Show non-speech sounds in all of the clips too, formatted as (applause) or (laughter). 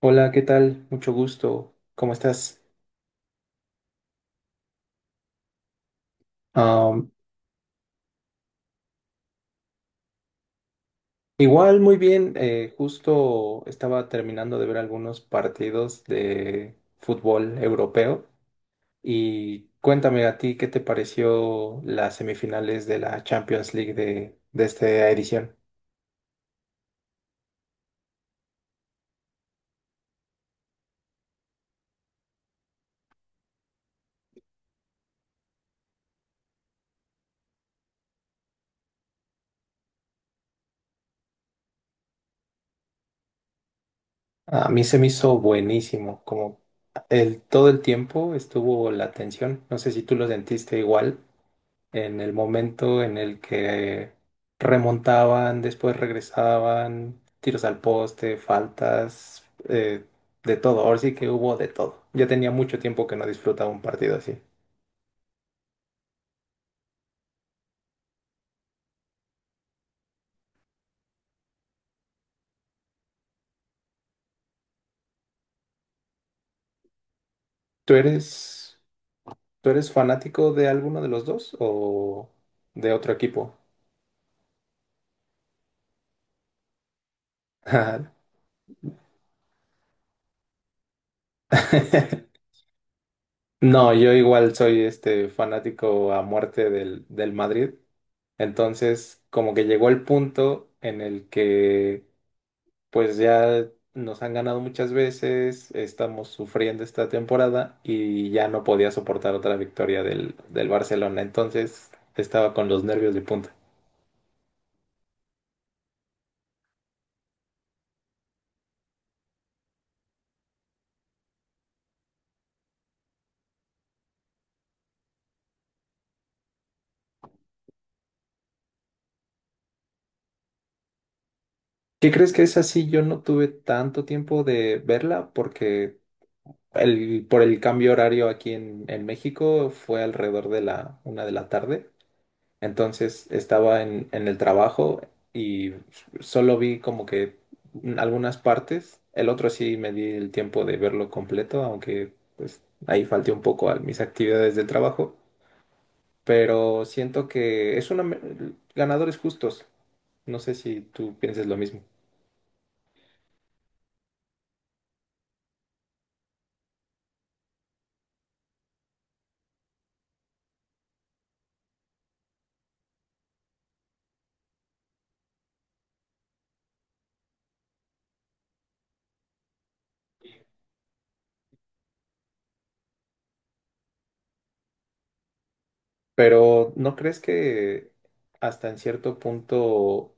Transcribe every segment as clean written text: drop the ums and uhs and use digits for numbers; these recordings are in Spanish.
Hola, ¿qué tal? Mucho gusto. ¿Cómo estás? Am, Igual, muy bien. Justo estaba terminando de ver algunos partidos de fútbol europeo. Y cuéntame a ti, ¿qué te pareció las semifinales de la Champions League de esta edición? A mí se me hizo buenísimo, como todo el tiempo estuvo la tensión. No sé si tú lo sentiste igual. En el momento en el que remontaban, después regresaban, tiros al poste, faltas, de todo. Ahora sí que hubo de todo. Ya tenía mucho tiempo que no disfrutaba un partido así. ¿Tú eres, tú eres fanático de alguno de los dos o de otro equipo? (laughs) No, yo igual soy este fanático a muerte del Madrid. Entonces, como que llegó el punto en el que pues ya nos han ganado muchas veces, estamos sufriendo esta temporada y ya no podía soportar otra victoria del Barcelona, entonces estaba con los nervios de punta. ¿Qué crees que es así? Yo no tuve tanto tiempo de verla porque por el cambio horario aquí en México fue alrededor de la una de la tarde. Entonces estaba en el trabajo y solo vi como que algunas partes. El otro sí me di el tiempo de verlo completo, aunque pues ahí falté un poco a mis actividades del trabajo. Pero siento que es ganadores justos. No sé si tú pienses lo mismo. Pero ¿no crees que hasta en cierto punto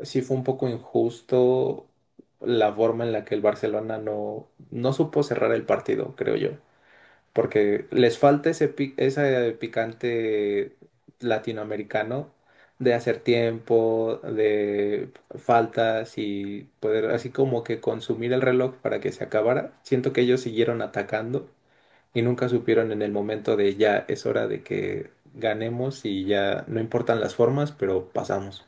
sí fue un poco injusto la forma en la que el Barcelona no supo cerrar el partido, creo yo? Porque les falta ese picante latinoamericano de hacer tiempo, de faltas y poder así como que consumir el reloj para que se acabara. Siento que ellos siguieron atacando y nunca supieron en el momento de ya es hora de que ganemos y ya no importan las formas, pero pasamos.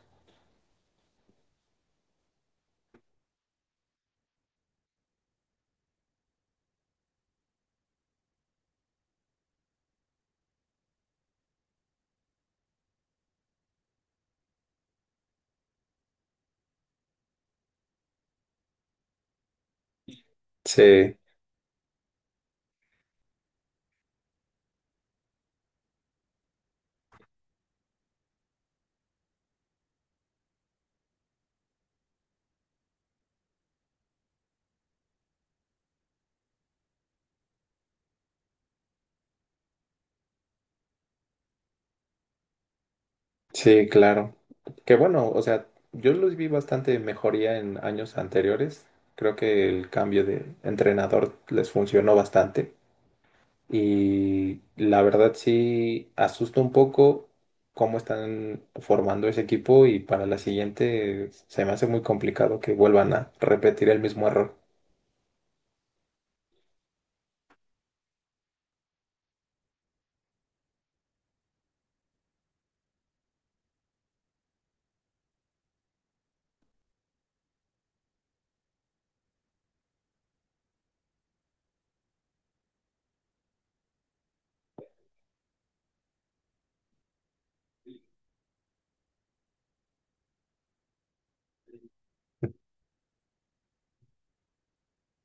Sí, sí, claro. Que bueno, o sea, yo los vi bastante mejoría en años anteriores. Creo que el cambio de entrenador les funcionó bastante. Y la verdad sí asusta un poco cómo están formando ese equipo y para la siguiente se me hace muy complicado que vuelvan a repetir el mismo error.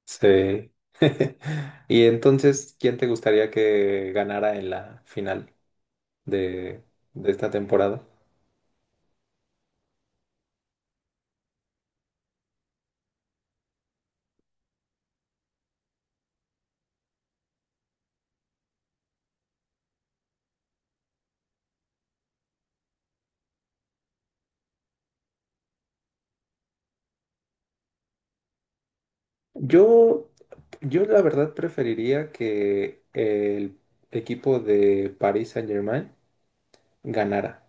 Sí. (laughs) Y entonces, ¿quién te gustaría que ganara en la final de, de esta temporada? Yo, yo la verdad preferiría que el equipo de Paris Saint-Germain ganara,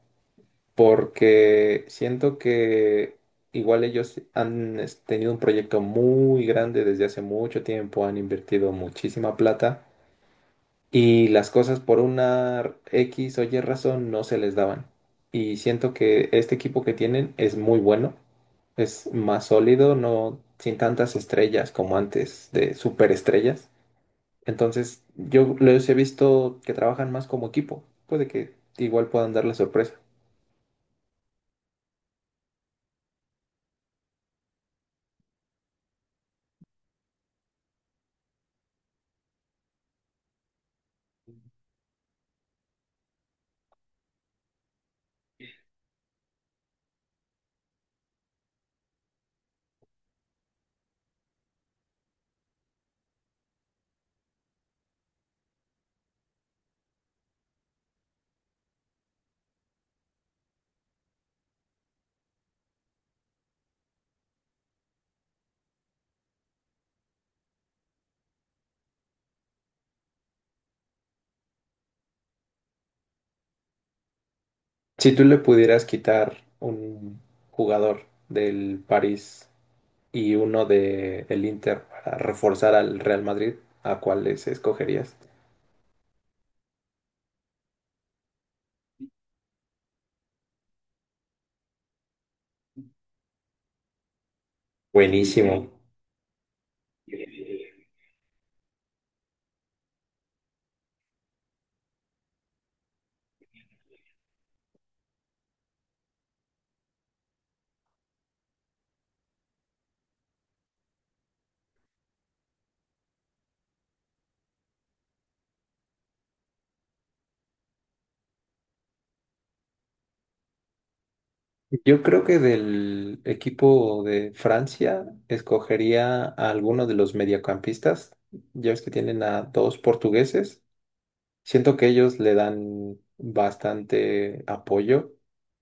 porque siento que igual ellos han tenido un proyecto muy grande desde hace mucho tiempo, han invertido muchísima plata y las cosas por una X o Y razón no se les daban. Y siento que este equipo que tienen es muy bueno, es más sólido, no sin tantas estrellas como antes de superestrellas. Entonces, yo los he visto que trabajan más como equipo. Puede que igual puedan dar la sorpresa. Si tú le pudieras quitar un jugador del París y uno del Inter para reforzar al Real Madrid, ¿a cuáles escogerías? Buenísimo. Yo creo que del equipo de Francia escogería a alguno de los mediocampistas. Ya ves que tienen a dos portugueses. Siento que ellos le dan bastante apoyo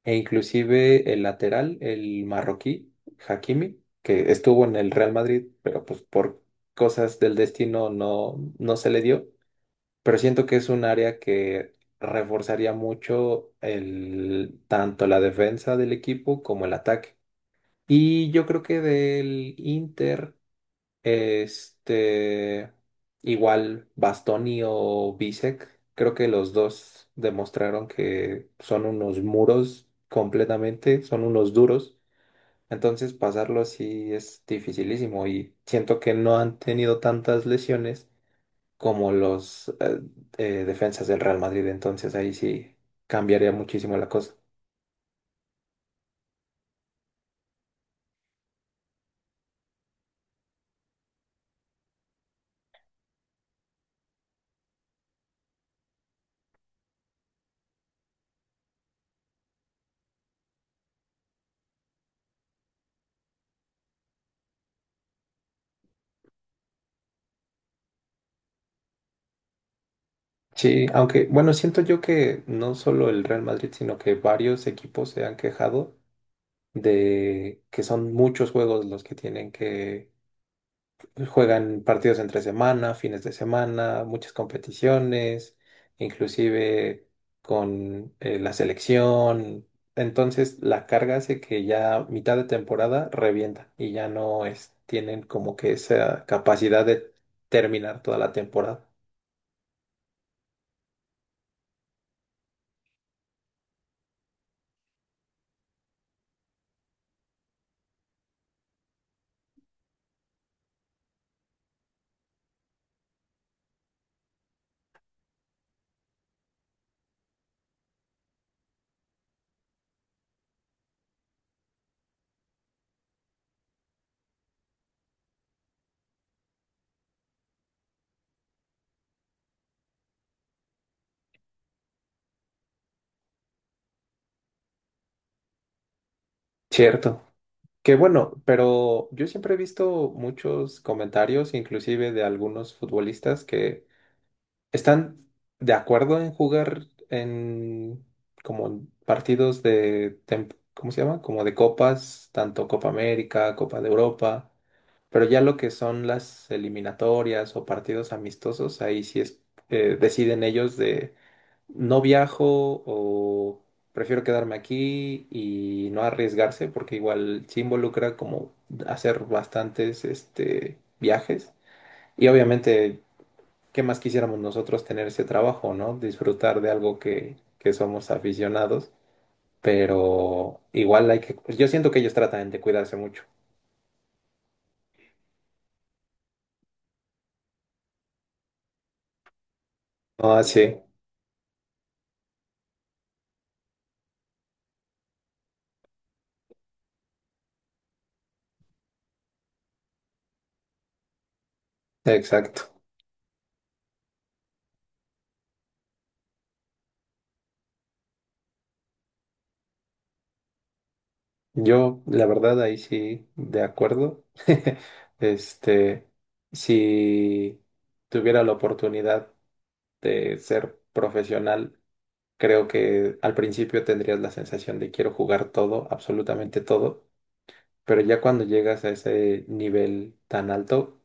e inclusive el lateral, el marroquí, Hakimi, que estuvo en el Real Madrid, pero pues por cosas del destino no se le dio, pero siento que es un área que reforzaría mucho tanto la defensa del equipo como el ataque. Y yo creo que del Inter, este, igual Bastoni o Bisek, creo que los dos demostraron que son unos muros completamente, son unos duros. Entonces pasarlo sí es dificilísimo y siento que no han tenido tantas lesiones como los defensas del Real Madrid, entonces ahí sí cambiaría muchísimo la cosa. Sí, aunque bueno, siento yo que no solo el Real Madrid, sino que varios equipos se han quejado de que son muchos juegos los que tienen que. Juegan partidos entre semana, fines de semana, muchas competiciones, inclusive con la selección. Entonces la carga hace que ya mitad de temporada revienta y ya no tienen como que esa capacidad de terminar toda la temporada. Cierto. Que bueno, pero yo siempre he visto muchos comentarios, inclusive de algunos futbolistas que están de acuerdo en jugar en como partidos ¿cómo se llama? Como de copas, tanto Copa América, Copa de Europa, pero ya lo que son las eliminatorias o partidos amistosos, ahí sí deciden ellos de no viajo o prefiero quedarme aquí y no arriesgarse porque igual se involucra como hacer bastantes viajes. Y obviamente, ¿qué más quisiéramos nosotros tener ese trabajo, ¿no? Disfrutar de algo que somos aficionados, pero igual yo siento que ellos tratan de cuidarse mucho. Ah, sí, exacto. Yo, la verdad, ahí sí, de acuerdo. (laughs) Este, si tuviera la oportunidad de ser profesional, creo que al principio tendrías la sensación de quiero jugar todo, absolutamente todo, pero ya cuando llegas a ese nivel tan alto,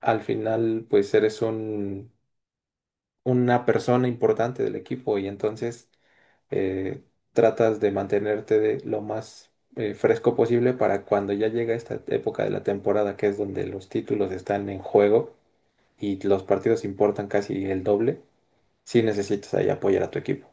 al final pues eres un, una persona importante del equipo y entonces eh, tratas de mantenerte de lo más fresco posible para cuando ya llega esta época de la temporada que es donde los títulos están en juego y los partidos importan casi el doble, si necesitas ahí apoyar a tu equipo.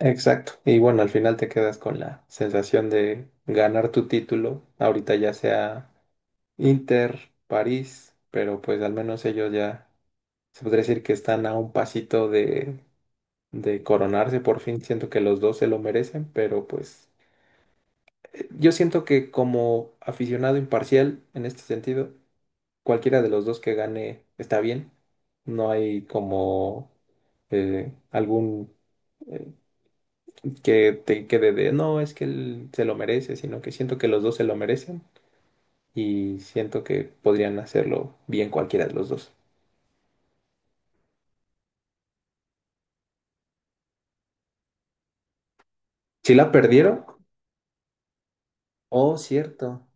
Exacto. Y bueno, al final te quedas con la sensación de ganar tu título, ahorita ya sea Inter, París, pero pues al menos ellos ya. Se podría decir que están a un pasito de coronarse por fin. Siento que los dos se lo merecen, pero pues yo siento que como aficionado imparcial en este sentido, cualquiera de los dos que gane está bien. No hay como algún eh, que te quede de no, es que él se lo merece, sino que siento que los dos se lo merecen y siento que podrían hacerlo bien cualquiera de los dos. Si la perdieron, oh, cierto,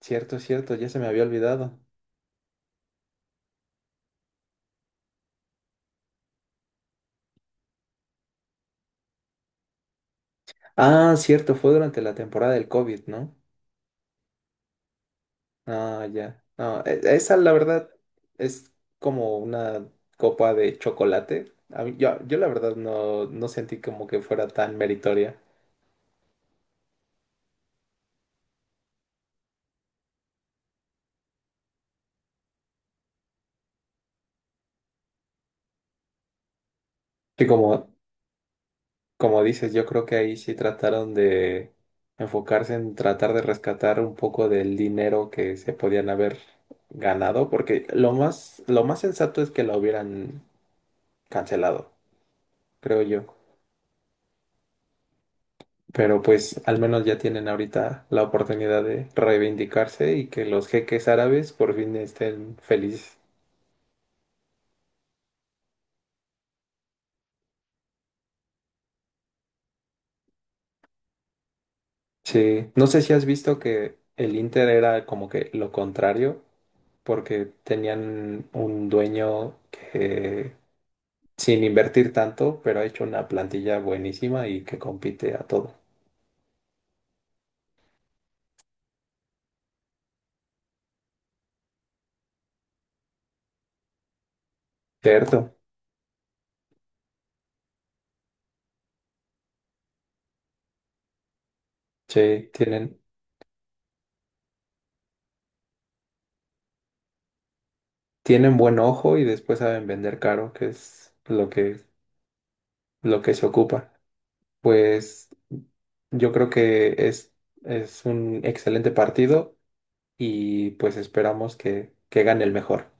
cierto, cierto, ya se me había olvidado. Ah, cierto, fue durante la temporada del COVID, ¿no? Ah, ya. No, esa la verdad es como una copa de chocolate. Yo la verdad no sentí como que fuera tan meritoria. Y como dices, yo creo que ahí sí trataron de enfocarse en tratar de rescatar un poco del dinero que se podían haber ganado, porque lo más sensato es que la hubieran cancelado, creo yo. Pero pues al menos ya tienen ahorita la oportunidad de reivindicarse y que los jeques árabes por fin estén felices. Sí, no sé si has visto que el Inter era como que lo contrario, porque tenían un dueño que sin invertir tanto, pero ha hecho una plantilla buenísima y que compite a todo. Cierto, sí, tienen buen ojo y después saben vender caro, que es lo que se ocupa. Pues yo creo que es un excelente partido y pues esperamos que gane el mejor.